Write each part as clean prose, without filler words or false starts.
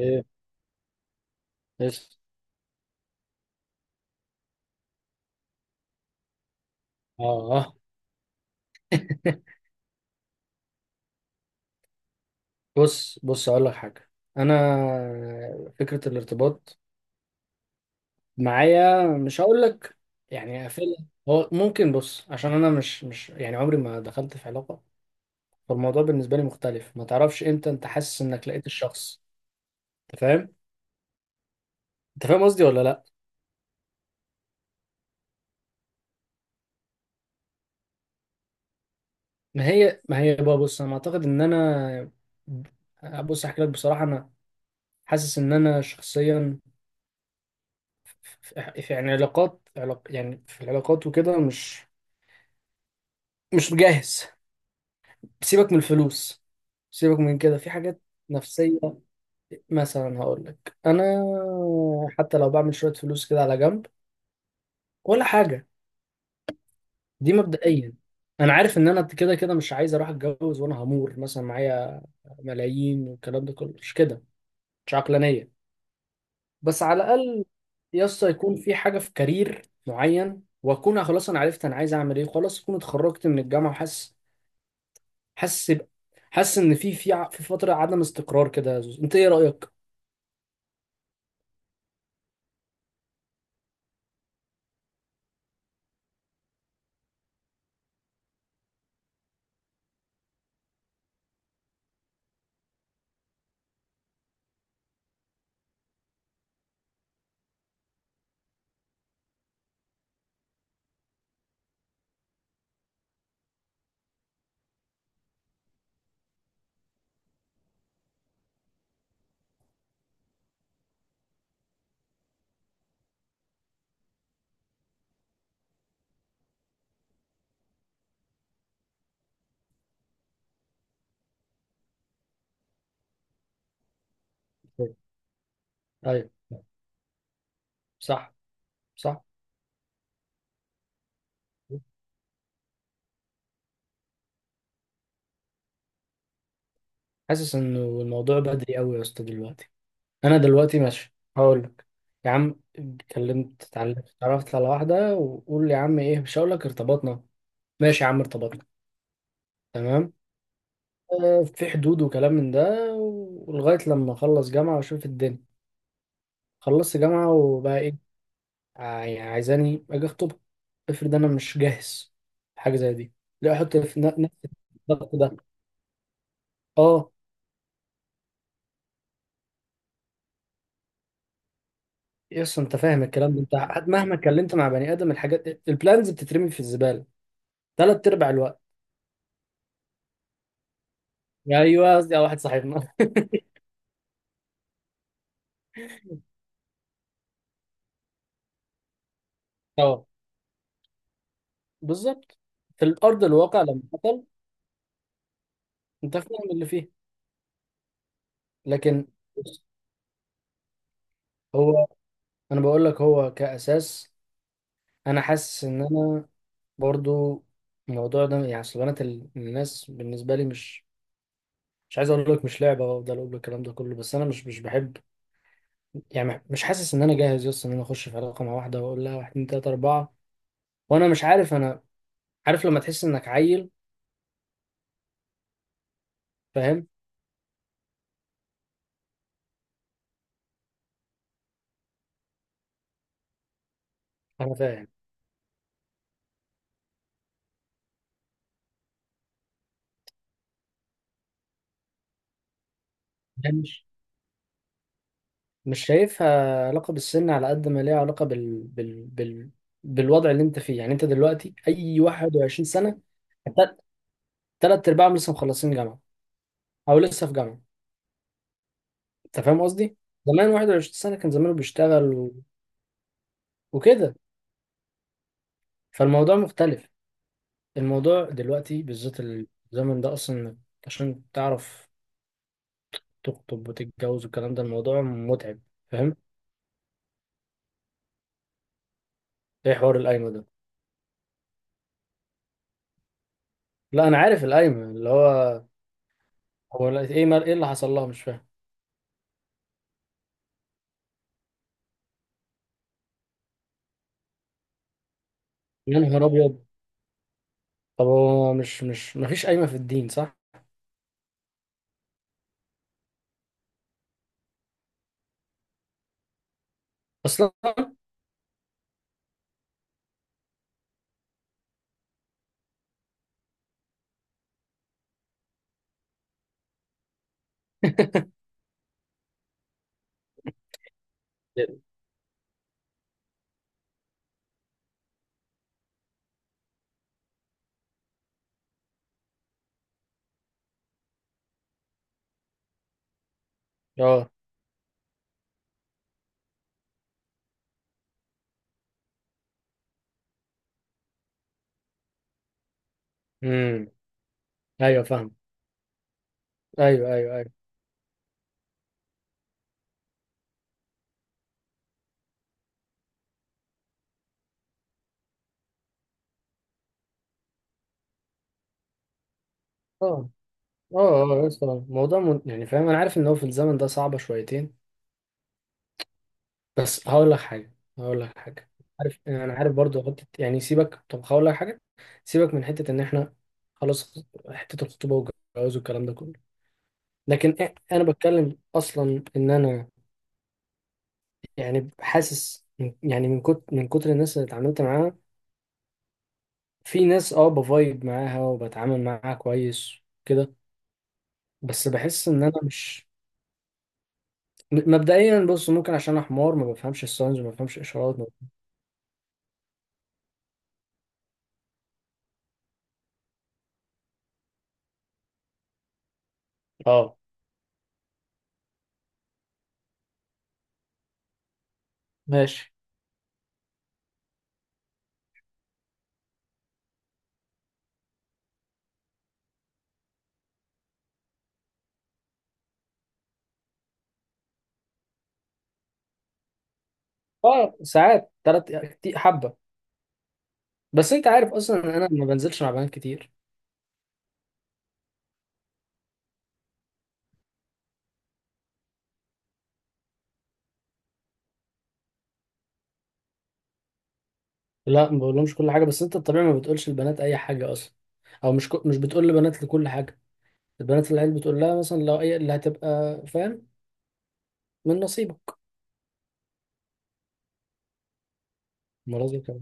ايه بس اه آه. بص اقول لك حاجه. انا فكره الارتباط معايا، مش هقول لك يعني قافلها، هو ممكن. بص، عشان انا مش يعني عمري ما دخلت في علاقه، فالموضوع بالنسبه لي مختلف. ما تعرفش امتى انت حاسس انك لقيت الشخص، انت فاهم؟ انت فاهم قصدي ولا لا؟ ما هي بقى، بص انا اعتقد ان انا، بص احكي لك بصراحه، انا حاسس ان انا شخصيا في في- يعني علاقات علاق يعني في العلاقات وكده مش مجهز. سيبك من الفلوس، سيبك من كده، في حاجات نفسية. مثلا هقول لك انا، حتى لو بعمل شوية فلوس كده على جنب ولا حاجة، دي مبدئيا انا عارف ان انا كده كده مش عايز اروح اتجوز وانا همور مثلا معايا ملايين والكلام ده كله، مش كده، مش عقلانية. بس على الاقل يسطا يكون في حاجة، في كارير معين، واكون خلاص انا عرفت انا عايز اعمل ايه، خلاص اكون اتخرجت من الجامعة، حاسس ب- حاسس ان في فتره عدم استقرار كده. يا زوز انت ايه رايك؟ ايوه، صح، صح. حاسس انه الموضوع بدري قوي يا اسطى دلوقتي. انا دلوقتي ماشي هقول لك، يا عم اتكلمت اتعلمت اتعرفت على واحده وقول لي يا عم ايه، مش هقول لك ارتبطنا، ماشي يا عم ارتبطنا، تمام، آه، في حدود وكلام من ده، ولغايه لما اخلص جامعه واشوف الدنيا. خلصت جامعه وبقى ايه؟ يعني عايزاني اجي اخطبها؟ افرض انا مش جاهز، حاجه زي دي. ليه احط في نفس الضغط ده؟ اه. يس، انت فاهم الكلام ده، انت مهما اتكلمت مع بني ادم الحاجات البلانز بتترمي في الزباله ثلاث ارباع الوقت. يا ايوه، قصدي على واحد صاحبنا. اه، بالظبط. في الارض الواقع لما حصل، انت فاهم اللي فيه. لكن بص، هو، انا بقول لك هو كاساس انا حاسس ان انا برضو، الموضوع ده يعني، اصل بنات الناس بالنسبه لي مش، مش عايز اقول لك مش لعبه وافضل اقول لك الكلام ده كله، بس انا مش بحب، يعني مش حاسس ان انا جاهز يس ان انا اخش في علاقه مع واحده واقول لها واحد اتنين تلاته اربعه وانا مش عارف انا. عارف لما تحس انك عيل؟ فاهم؟ انا فاهم ده مش، مش شايفها علاقه بالسن على قد ما ليها علاقه بال بالوضع اللي انت فيه. يعني انت دلوقتي اي 21 سنه، تل- تلات ارباعهم لسه مخلصين جامعه او لسه في جامعه. انت فاهم قصدي؟ زمان 21 سنه كان زمانه بيشتغل وكده، فالموضوع مختلف. الموضوع دلوقتي بالذات الزمن ده اصلا، عشان تعرف تخطب وتتجوز والكلام ده، الموضوع متعب. فاهم؟ ايه حوار القايمه ده؟ لا انا عارف القايمه، اللي هو، ايه مال، ايه اللي حصل لها، مش فاهم. يا نهار ابيض. طب هو مش مفيش قايمه في الدين صح؟ اصلا. اه. امم. ايوه فاهم. ايوه ايوه ايوه. اه اه. اه يا اسطى، الموضوع يعني فاهم، انا عارف ان هو في الزمن ده صعبه شويتين، بس هقول لك حاجه، هقول لك حاجه. عارف، انا عارف برضو حته، يعني سيبك، طب هقول لك حاجه، سيبك من حته ان احنا خلاص حته الخطوبه والجواز والكلام ده كله. لكن انا بتكلم اصلا ان انا يعني حاسس يعني من كتر الناس اللي اتعاملت معاها، في ناس اه بفايب معاها وبتعامل معاها كويس كده، بس بحس ان انا مش، مبدئيا بص، ممكن عشان انا حمار ما بفهمش الساينز، ما بفهمش اشارات ما... اه ماشي. اه ساعات ثلاث حبه. بس انت عارف اصلا ان انا ما بنزلش مع بنات كتير. لا ما بقولهمش كل حاجه، بس انت الطبيعي ما بتقولش البنات اي حاجه اصلا، او مش بتقول لبنات لكل حاجه. البنات اللي عيل بتقول لها مثلا لو اي اللي هتبقى، فاهم، من نصيبك. مرة زي كده.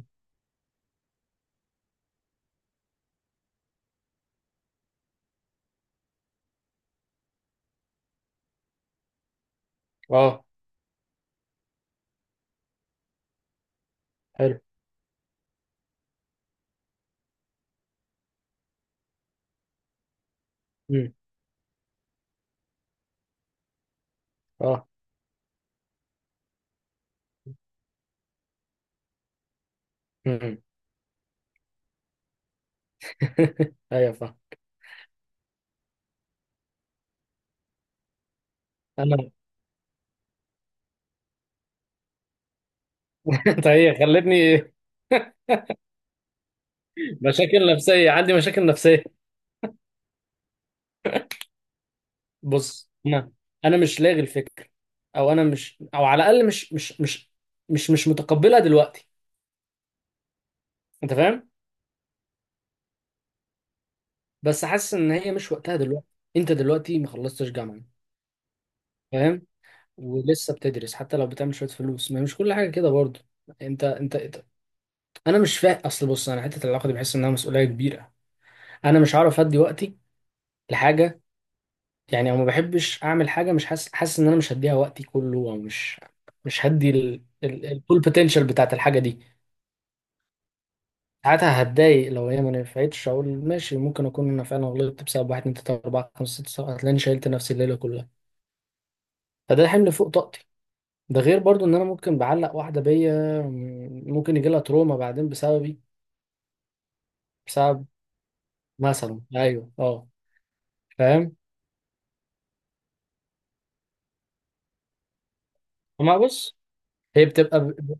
اه. حلو. امم. اه. امم. ايوه فاهم. انا. انت هي خلتني مشاكل نفسيه، عندي مشاكل نفسيه. بص انا، انا مش لاغي الفكر، او انا مش، او على الاقل مش متقبلها دلوقتي. انت فاهم؟ بس حاسس ان هي مش وقتها دلوقتي. انت دلوقتي ما خلصتش جامعه، فاهم، ولسه بتدرس، حتى لو بتعمل شويه فلوس ما، مش كل حاجه كده برضه. انت انت انت- انا مش فاهم اصل، بص انا حته العلاقه دي بحس انها مسؤوليه كبيره. انا مش هعرف ادي وقتي لحاجه يعني، او ما بحبش اعمل حاجه مش حاسس، حاسس ان انا مش هديها وقتي كله، او مش، مش هدي الفول بوتنشال بتاعت الحاجه دي. ساعتها هتضايق لو هي ما نفعتش، اقول ماشي ممكن اكون انا فعلا غلطت، بسبب واحد اتنين تلاته اربعه خمسه سته سبعه هتلاقيني شيلت نفسي الليله كلها، فده حمل فوق طاقتي. ده غير برضو ان انا ممكن بعلق واحده بيا، ممكن يجي لها تروما بعدين بسببي، بسبب، مثلا، ايوه اه. فاهم. ما بص، هي بتبقى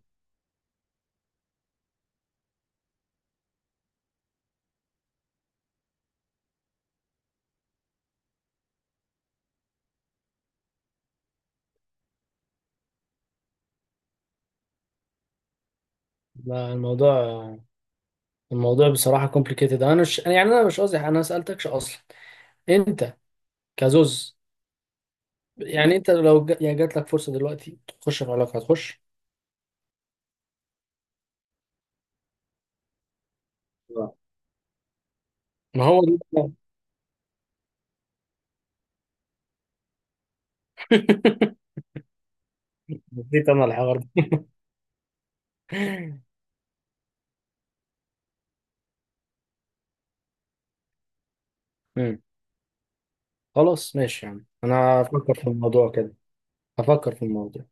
الموضوع، الموضوع بصراحه كومبليكيتد. انا مش يعني، انا مش قصدي، انا ما سالتكش اصلا انت كزوز، يعني انت لو يعني جات لك فرصه دلوقتي تخش في علاقه هتخش؟ آه. ما هو ده. نسيت انا الحوار ده. مم. خلاص ماشي، يعني انا هفكر في الموضوع كده، هفكر في الموضوع.